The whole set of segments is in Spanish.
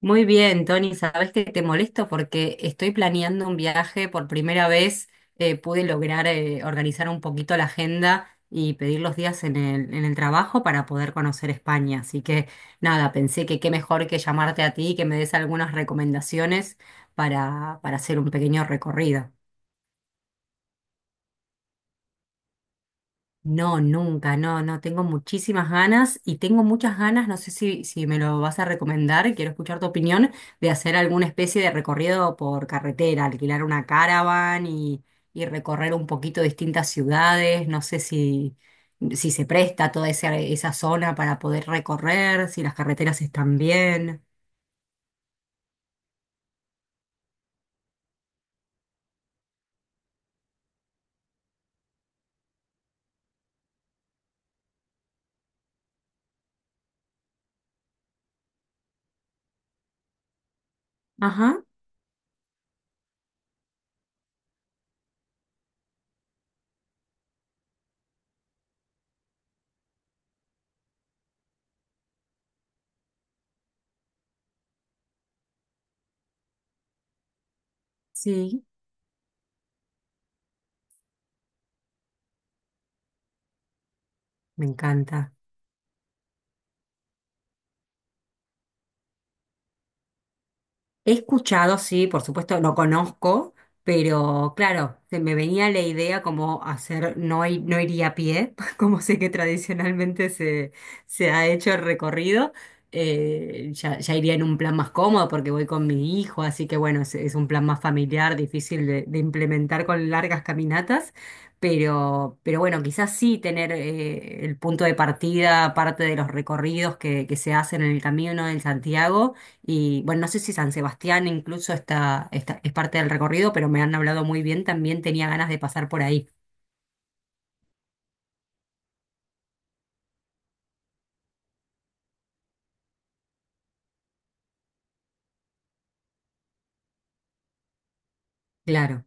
Muy bien, Tony, sabes que te molesto porque estoy planeando un viaje. Por primera vez pude lograr organizar un poquito la agenda y pedir los días en el trabajo para poder conocer España. Así que nada, pensé que qué mejor que llamarte a ti y que me des algunas recomendaciones para hacer un pequeño recorrido. No, nunca, no, no, tengo muchísimas ganas y tengo muchas ganas, no sé si me lo vas a recomendar, quiero escuchar tu opinión, de hacer alguna especie de recorrido por carretera, alquilar una caravan y recorrer un poquito distintas ciudades, no sé si, si se presta toda esa zona para poder recorrer, si las carreteras están bien. Ajá, sí, me encanta. He escuchado, sí, por supuesto, lo conozco, pero claro, se me venía la idea como hacer, no, no iría a pie, como sé que tradicionalmente se ha hecho el recorrido, ya iría en un plan más cómodo porque voy con mi hijo, así que bueno, es un plan más familiar, difícil de implementar con largas caminatas, pero bueno, quizás sí tener el punto de partida, parte de los recorridos que se hacen en el camino en Santiago. Y bueno, no sé si San Sebastián incluso es parte del recorrido, pero me han hablado muy bien, también tenía ganas de pasar por ahí. Claro,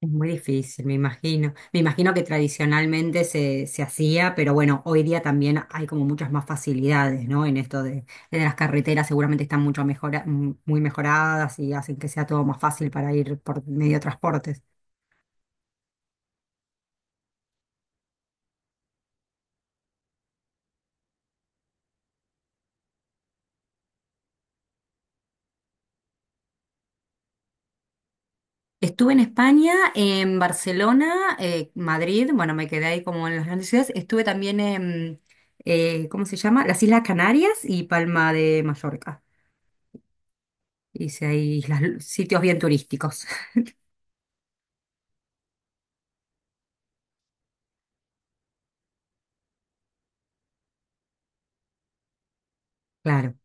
es muy difícil, me imagino. Me imagino que tradicionalmente se hacía, pero bueno, hoy día también hay como muchas más facilidades, ¿no? En esto de, de las carreteras seguramente están muy mejoradas y hacen que sea todo más fácil para ir por medio de transportes. Estuve en España, en Barcelona, Madrid, bueno, me quedé ahí como en las grandes ciudades. Estuve también en, ¿cómo se llama? Las Islas Canarias y Palma de Mallorca. Hice ahí sitios bien turísticos, claro.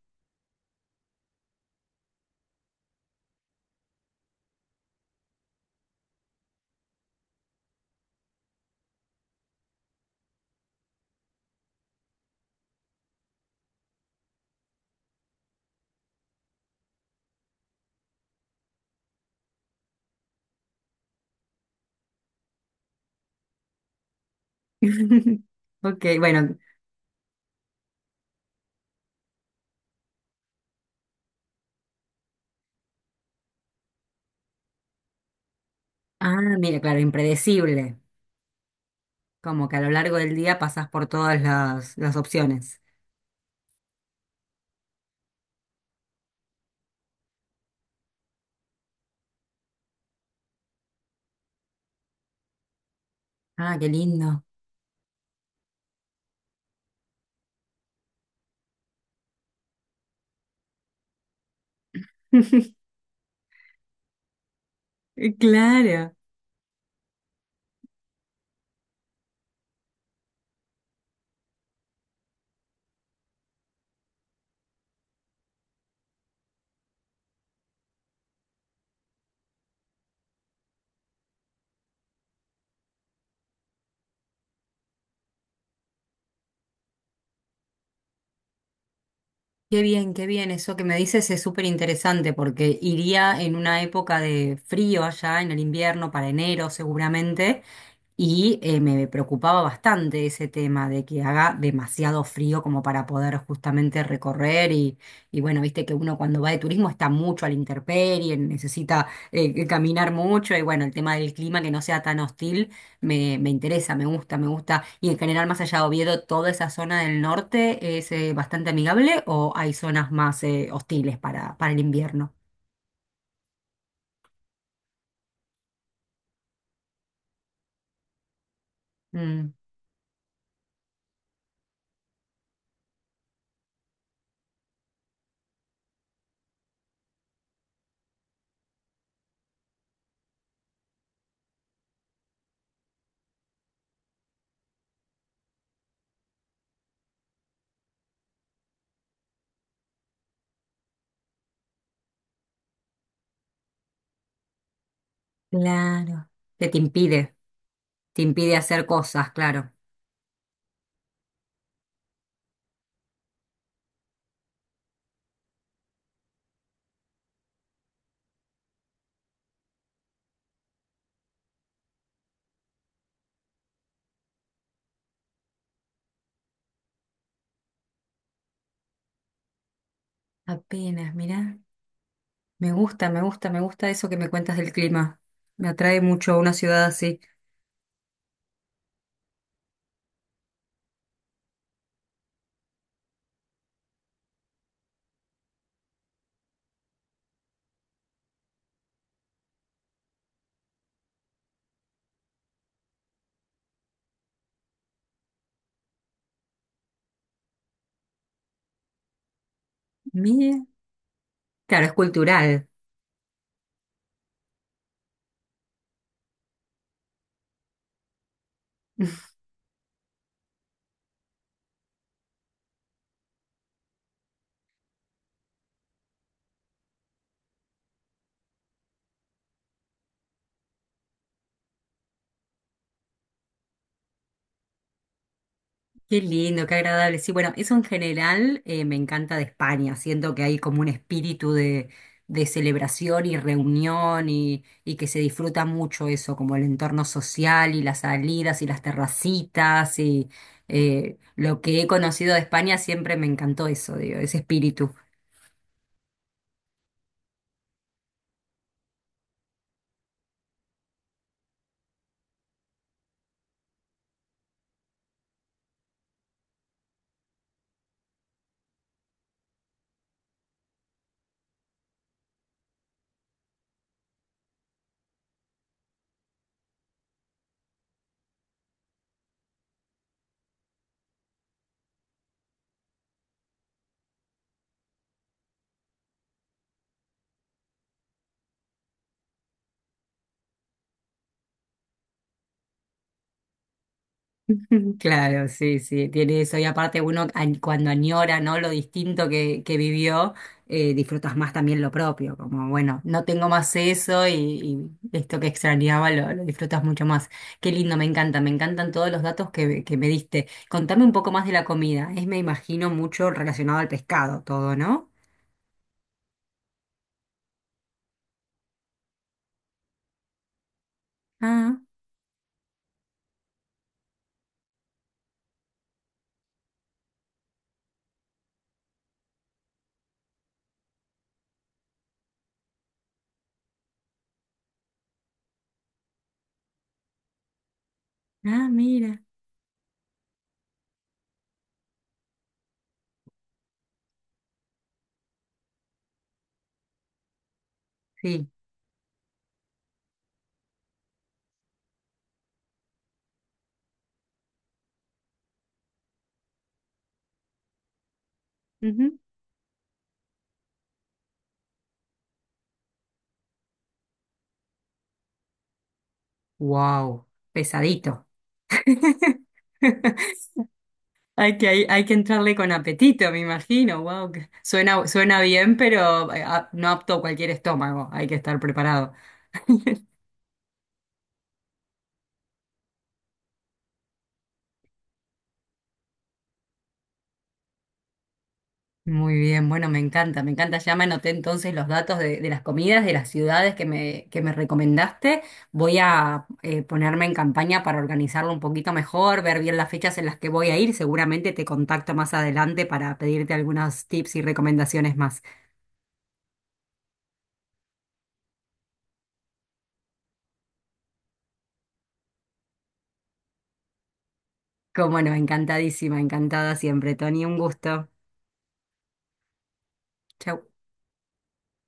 Ok, bueno. Ah, mira, claro, impredecible. Como que a lo largo del día pasas por todas las opciones. Ah, qué lindo. Claro. Qué bien, qué bien. Eso que me dices es súper interesante porque iría en una época de frío allá en el invierno, para enero seguramente, y me preocupaba bastante ese tema de que haga demasiado frío como para poder justamente recorrer y bueno, viste que uno cuando va de turismo está mucho a la intemperie, necesita caminar mucho y bueno, el tema del clima que no sea tan hostil me, me interesa, me gusta, me gusta. Y en general, más allá de Oviedo, toda esa zona del norte es bastante amigable o hay zonas más hostiles para el invierno. Mm. Claro. Que te impide hacer cosas, claro. Apenas, mirá. Me gusta, me gusta, me gusta eso que me cuentas del clima. Me atrae mucho una ciudad así. Mira, claro, es cultural. Qué lindo, qué agradable. Sí, bueno, eso en general me encanta de España. Siento que hay como un espíritu de celebración y reunión y que se disfruta mucho eso, como el entorno social y las salidas y las terracitas y lo que he conocido de España siempre me encantó eso, digo, ese espíritu. Claro, sí, sí, tiene eso. Y aparte cuando añora, ¿no? Lo distinto que vivió, disfrutas más también lo propio, como, bueno, no tengo más eso y esto que extrañaba lo disfrutas mucho más. Qué lindo, me encanta, me encantan todos los datos que me diste. Contame un poco más de la comida. Es, me imagino, mucho relacionado al pescado, todo, ¿no? Ah, ah, mira. Sí. Wow, pesadito. Hay que entrarle con apetito, me imagino. Wow, suena bien, pero no apto a cualquier estómago. Hay que estar preparado. Muy bien, bueno, me encanta, me encanta. Ya me anoté entonces los datos de las comidas, de las ciudades que me recomendaste. Voy a ponerme en campaña para organizarlo un poquito mejor, ver bien las fechas en las que voy a ir. Seguramente te contacto más adelante para pedirte algunos tips y recomendaciones más. Como no, encantadísima, encantada siempre, Tony. Un gusto. Chau.